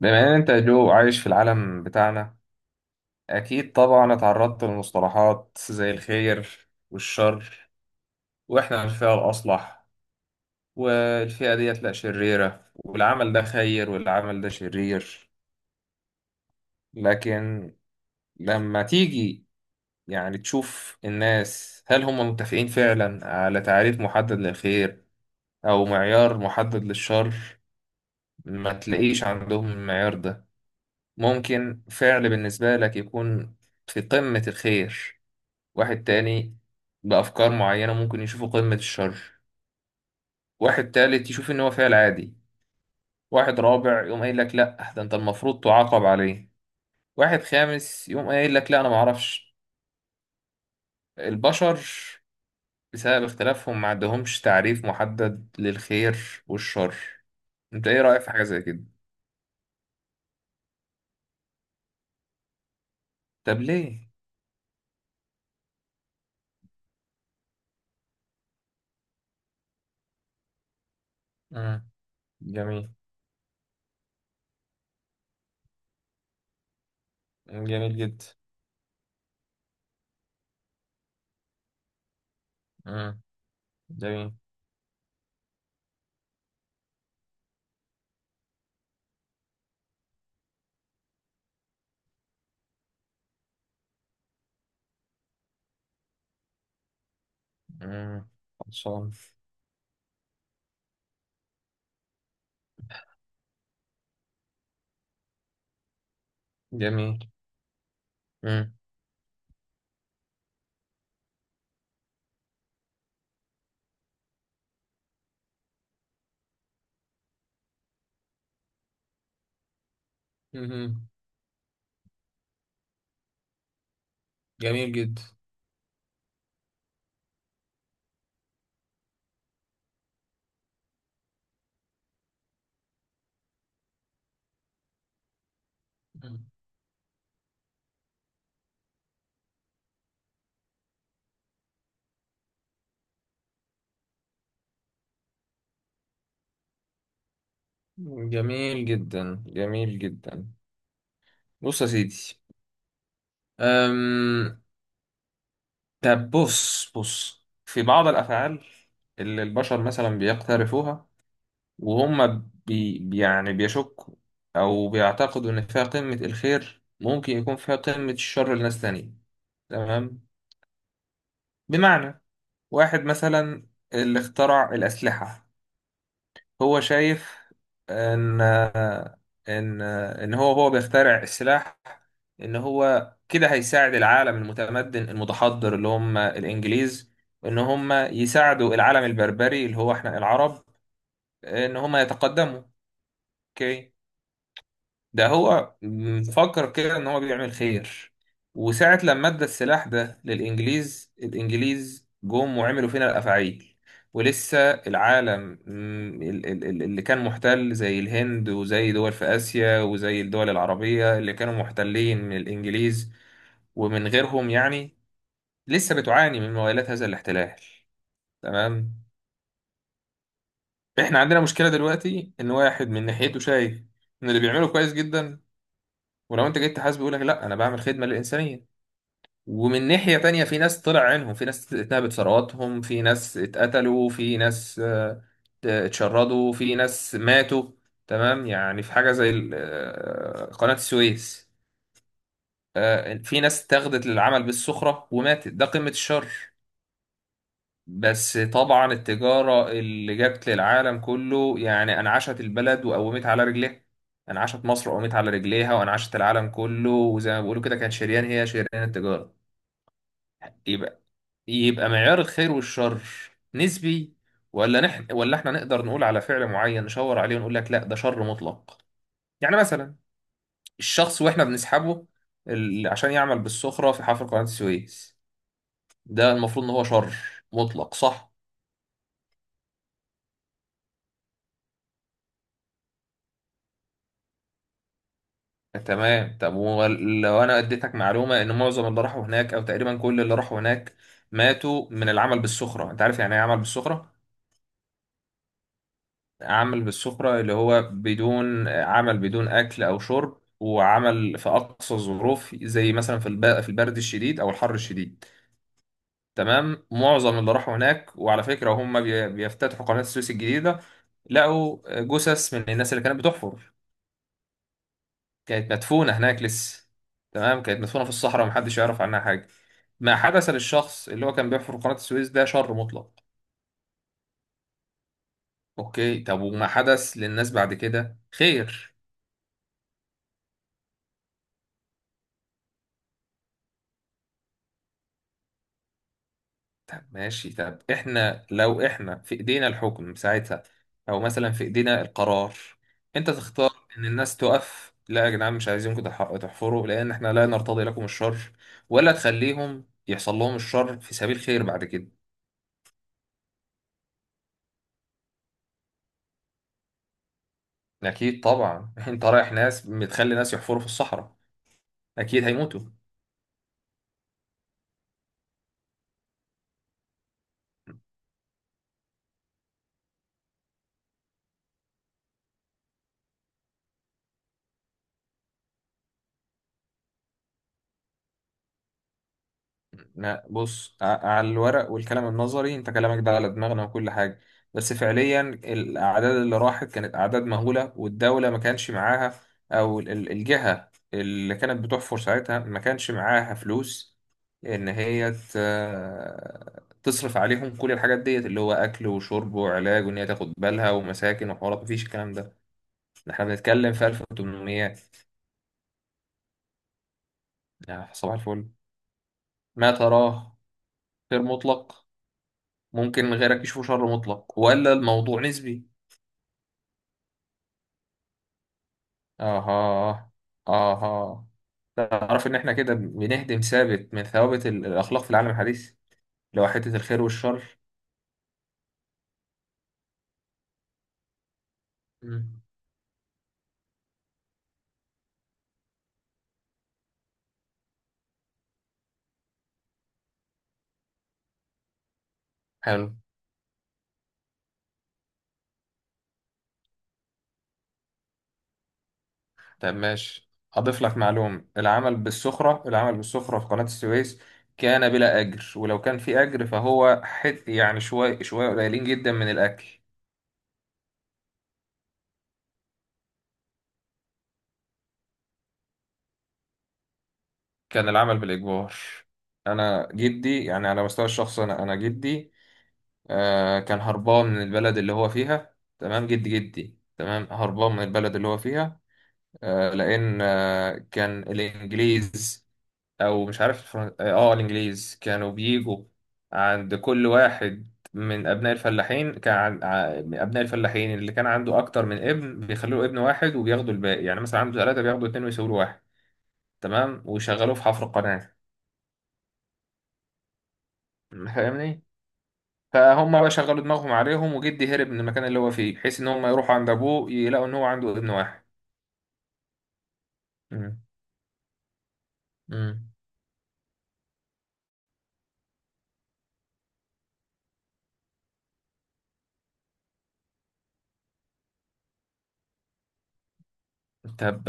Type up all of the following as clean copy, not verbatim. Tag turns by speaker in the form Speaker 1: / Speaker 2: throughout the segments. Speaker 1: بما ان انت يا جو عايش في العالم بتاعنا، اكيد طبعا اتعرضت لمصطلحات زي الخير والشر. واحنا الفئة الاصلح، والفئة ديت لا شريرة، والعمل ده خير والعمل ده شرير. لكن لما تيجي يعني تشوف الناس، هل هم متفقين فعلا على تعريف محدد للخير او معيار محدد للشر؟ ما تلاقيش عندهم المعيار ده. ممكن فعل بالنسبة لك يكون في قمة الخير، واحد تاني بأفكار معينة ممكن يشوفه قمة الشر، واحد تالت يشوف إن هو فعل عادي، واحد رابع يقوم قايل لك لأ ده أنت المفروض تعاقب عليه، واحد خامس يقوم قايل لك لأ أنا معرفش. البشر، بسبب اختلافهم، ما عندهمش تعريف محدد للخير والشر. أنت إيه رأيك في حاجة زي كده؟ طب ليه؟ مم. جميل. جميل جدا. مم. جميل. مم. خلصان. جميل. مم. مهم. جميل جدا، جميل جدا. جميل جدا. بص يا سيدي. أم... طب بص بص في بعض الأفعال اللي البشر مثلا بيقترفوها، وهم يعني بيشكوا أو بيعتقدوا إن فيها قمة الخير، ممكن يكون فيها قمة الشر لناس تانية. تمام. بمعنى، واحد مثلا اللي اخترع الأسلحة، هو شايف ان ان هو بيخترع السلاح، ان هو كده هيساعد العالم المتمدن المتحضر اللي هم الانجليز، ان هم يساعدوا العالم البربري اللي هو احنا العرب، ان هم يتقدموا. اوكي، ده هو مفكر كده ان هو بيعمل خير. وساعة لما ادى السلاح ده للانجليز، الانجليز جم وعملوا فينا الافاعيل. ولسه العالم اللي كان محتل زي الهند وزي دول في اسيا وزي الدول العربية اللي كانوا محتلين من الانجليز ومن غيرهم يعني، لسه بتعاني من موالات هذا الاحتلال. تمام. احنا عندنا مشكلة دلوقتي، ان واحد من ناحيته شايف ان اللي بيعمله كويس جدا، ولو انت جيت تحاسبه يقول لك لا انا بعمل خدمه للانسانيه. ومن ناحية تانية، في ناس طلع عينهم، في ناس اتنهبت ثرواتهم، في ناس اتقتلوا، في ناس اتشردوا، في ناس ماتوا. تمام، يعني في حاجة زي قناة السويس. في ناس اتاخدت للعمل بالسخرة وماتت، ده قمة الشر. بس طبعا التجارة اللي جت للعالم كله يعني أنعشت البلد وقومت على رجليها، أنعشت مصر وقومت على رجليها، وأنعشت العالم كله، وزي ما بيقولوا كده، كان شريان، هي شريان التجارة. يبقى يبقى معيار الخير والشر نسبي؟ ولا احنا نقدر نقول على فعل معين نشاور عليه ونقول لك لا ده شر مطلق؟ يعني مثلا الشخص واحنا بنسحبه عشان يعمل بالسخرة في حفر قناة السويس، ده المفروض ان هو شر مطلق، صح؟ تمام. طب ولو انا اديتك معلومة ان معظم اللي راحوا هناك، او تقريبا كل اللي راحوا هناك، ماتوا من العمل بالسخرة. انت عارف يعني ايه عمل بالسخرة؟ عمل بالسفرة اللي هو بدون عمل، بدون أكل أو شرب، وعمل في أقصى الظروف، زي مثلا في البرد الشديد أو الحر الشديد. تمام. معظم اللي راحوا هناك، وعلى فكرة هم بيفتتحوا قناة السويس الجديدة، لقوا جثث من الناس اللي كانت بتحفر، كانت مدفونة هناك لسه. تمام، كانت مدفونة في الصحراء ومحدش يعرف عنها حاجة. ما حدث للشخص اللي هو كان بيحفر قناة السويس، ده شر مطلق. أوكي. طب وما حدث للناس بعد كده خير؟ طب ماشي، طب احنا لو احنا في ايدينا الحكم ساعتها، او مثلا في ايدينا القرار، انت تختار ان الناس تقف، لا يا جدعان مش عايزينكم تحفروا لان احنا لا نرتضي لكم الشر؟ ولا تخليهم يحصل لهم الشر في سبيل خير بعد كده؟ اكيد طبعا. انت رايح ناس بتخلي ناس يحفروا في الصحراء، اكيد هيموتوا. لا بص، على الورق والكلام النظري انت كلامك ده على دماغنا وكل حاجة، بس فعليا الأعداد اللي راحت كانت أعداد مهولة، والدولة ما كانش معاها، أو الجهة اللي كانت بتحفر ساعتها ما كانش معاها فلوس إن هي تصرف عليهم كل الحاجات ديت، اللي هو أكل وشرب وعلاج، وإن هي تاخد بالها ومساكن وحوارات. مفيش الكلام ده. احنا بنتكلم في 1800، يعني صباح الفل. ما تراه خير مطلق ممكن غيرك يشوفه شر مطلق، ولا الموضوع نسبي؟ اها، اها. تعرف ان احنا كده بنهدم ثابت من ثوابت الاخلاق في العالم الحديث، اللي هو حته الخير والشر؟ مم. حلو. طب ماشي، اضيف لك معلومه. العمل بالسخره، العمل بالسخره في قناه السويس كان بلا اجر، ولو كان في اجر فهو يعني شويه شويه، قليلين جدا من الاكل. كان العمل بالاجبار. انا جدي، يعني على مستوى الشخص، انا جدي كان هربان من البلد اللي هو فيها. تمام، جدي، تمام، هربان من البلد اللي هو فيها. لأن كان الإنجليز، أو مش عارف الفرن... آه آه، الإنجليز كانوا بيجوا عند كل واحد من أبناء الفلاحين. من أبناء الفلاحين اللي كان عنده أكتر من ابن بيخلوا له ابن واحد وبياخدوا الباقي. يعني مثلا عنده ثلاثة، بياخدوا اتنين ويسيبوا له واحد. تمام، ويشغلوه في حفر قناة. فاهمني؟ فهم بقى، شغلوا دماغهم عليهم، وجدي هرب من المكان اللي هو فيه بحيث ان هم يروحوا عند ابوه يلاقوا ان هو عنده ابن واحد. مم. مم. طب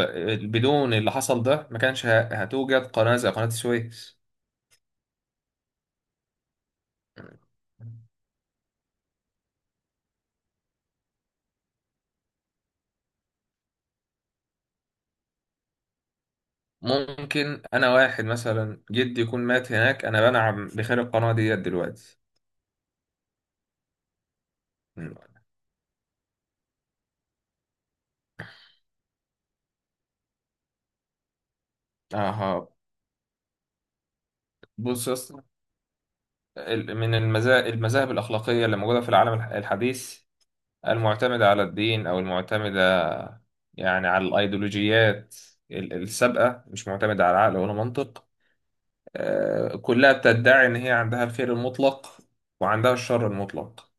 Speaker 1: بدون اللي حصل ده ما كانش هتوجد قناة زي قناة السويس. ممكن انا، واحد مثلا جدي يكون مات هناك، انا بنعم بخير القناة ديت دلوقتي. مم. اها. بص يا اسطى، من المذاهب الاخلاقية اللي موجودة في العالم الحديث، المعتمدة على الدين أو المعتمدة يعني على الأيديولوجيات السابقة، مش معتمدة على عقل ولا منطق. كلها بتدعي إن هي عندها الخير المطلق وعندها الشر المطلق.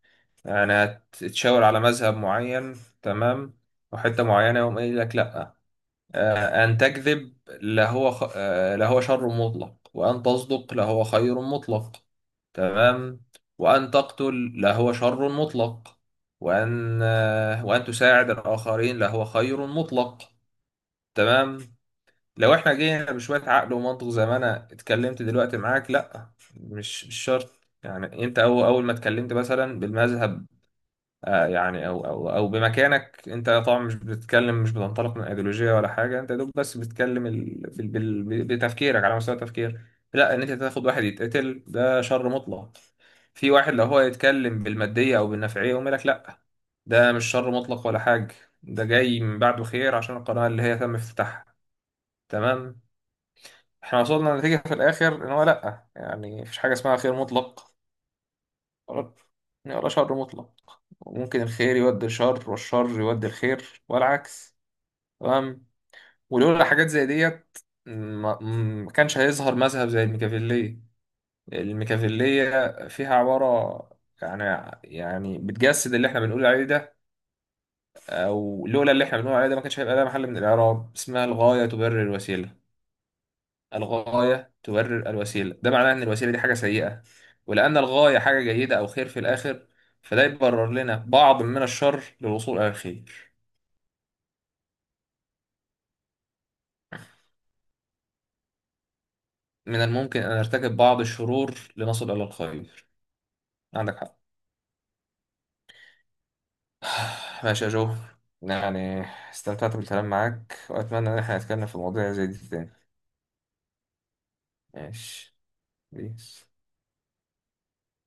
Speaker 1: يعني هتتشاور على مذهب معين، تمام، وحتة معينة يقوم قايل لك لأ، أن تكذب لهو خ... آه، لهو شر مطلق، وأن تصدق لهو خير مطلق. تمام. وأن تقتل لهو شر مطلق. وأن تساعد الآخرين لهو خير مطلق. تمام. لو احنا جينا بشوية عقل ومنطق زي ما أنا اتكلمت دلوقتي معاك، لأ، مش شرط. يعني أنت أول ما اتكلمت مثلا بالمذهب، يعني او بمكانك، انت طبعا مش بتتكلم، مش بتنطلق من ايديولوجيه ولا حاجه، انت يا دوب بس بتتكلم ال... في ال... بال... بتفكيرك، على مستوى التفكير. لا، ان انت تاخد واحد يتقتل ده شر مطلق. في واحد لو هو يتكلم بالماديه او بالنفعيه يقوم لك لا ده مش شر مطلق ولا حاجه، ده جاي من بعده خير عشان القناه اللي هي تم افتتاحها. تمام. احنا وصلنا لنتيجه في الاخر ان هو لا، يعني مفيش حاجه اسمها خير مطلق ولا ولا شر مطلق، وممكن الخير يودي الشر والشر يودي الخير والعكس. تمام. ولولا حاجات زي ديت ما كانش هيظهر مذهب زي الميكافيلية. الميكافيلية فيها عبارة يعني، بتجسد اللي احنا بنقول عليه ده، او لولا اللي احنا بنقول عليه ده ما كانش هيبقى ده محل من الاعراب، اسمها الغاية تبرر الوسيلة. الغاية تبرر الوسيلة. ده معناه ان الوسيلة دي حاجة سيئة، ولأن الغاية حاجة جيدة او خير في الاخر، فده يبرر لنا بعض من الشر للوصول الى الخير. من الممكن أن أرتكب بعض الشرور لنصل إلى الخير. عندك حق. ماشي يا جو. يعني استمتعت بالكلام معاك وأتمنى إن احنا نتكلم في مواضيع زي دي تاني. ماشي. بيس.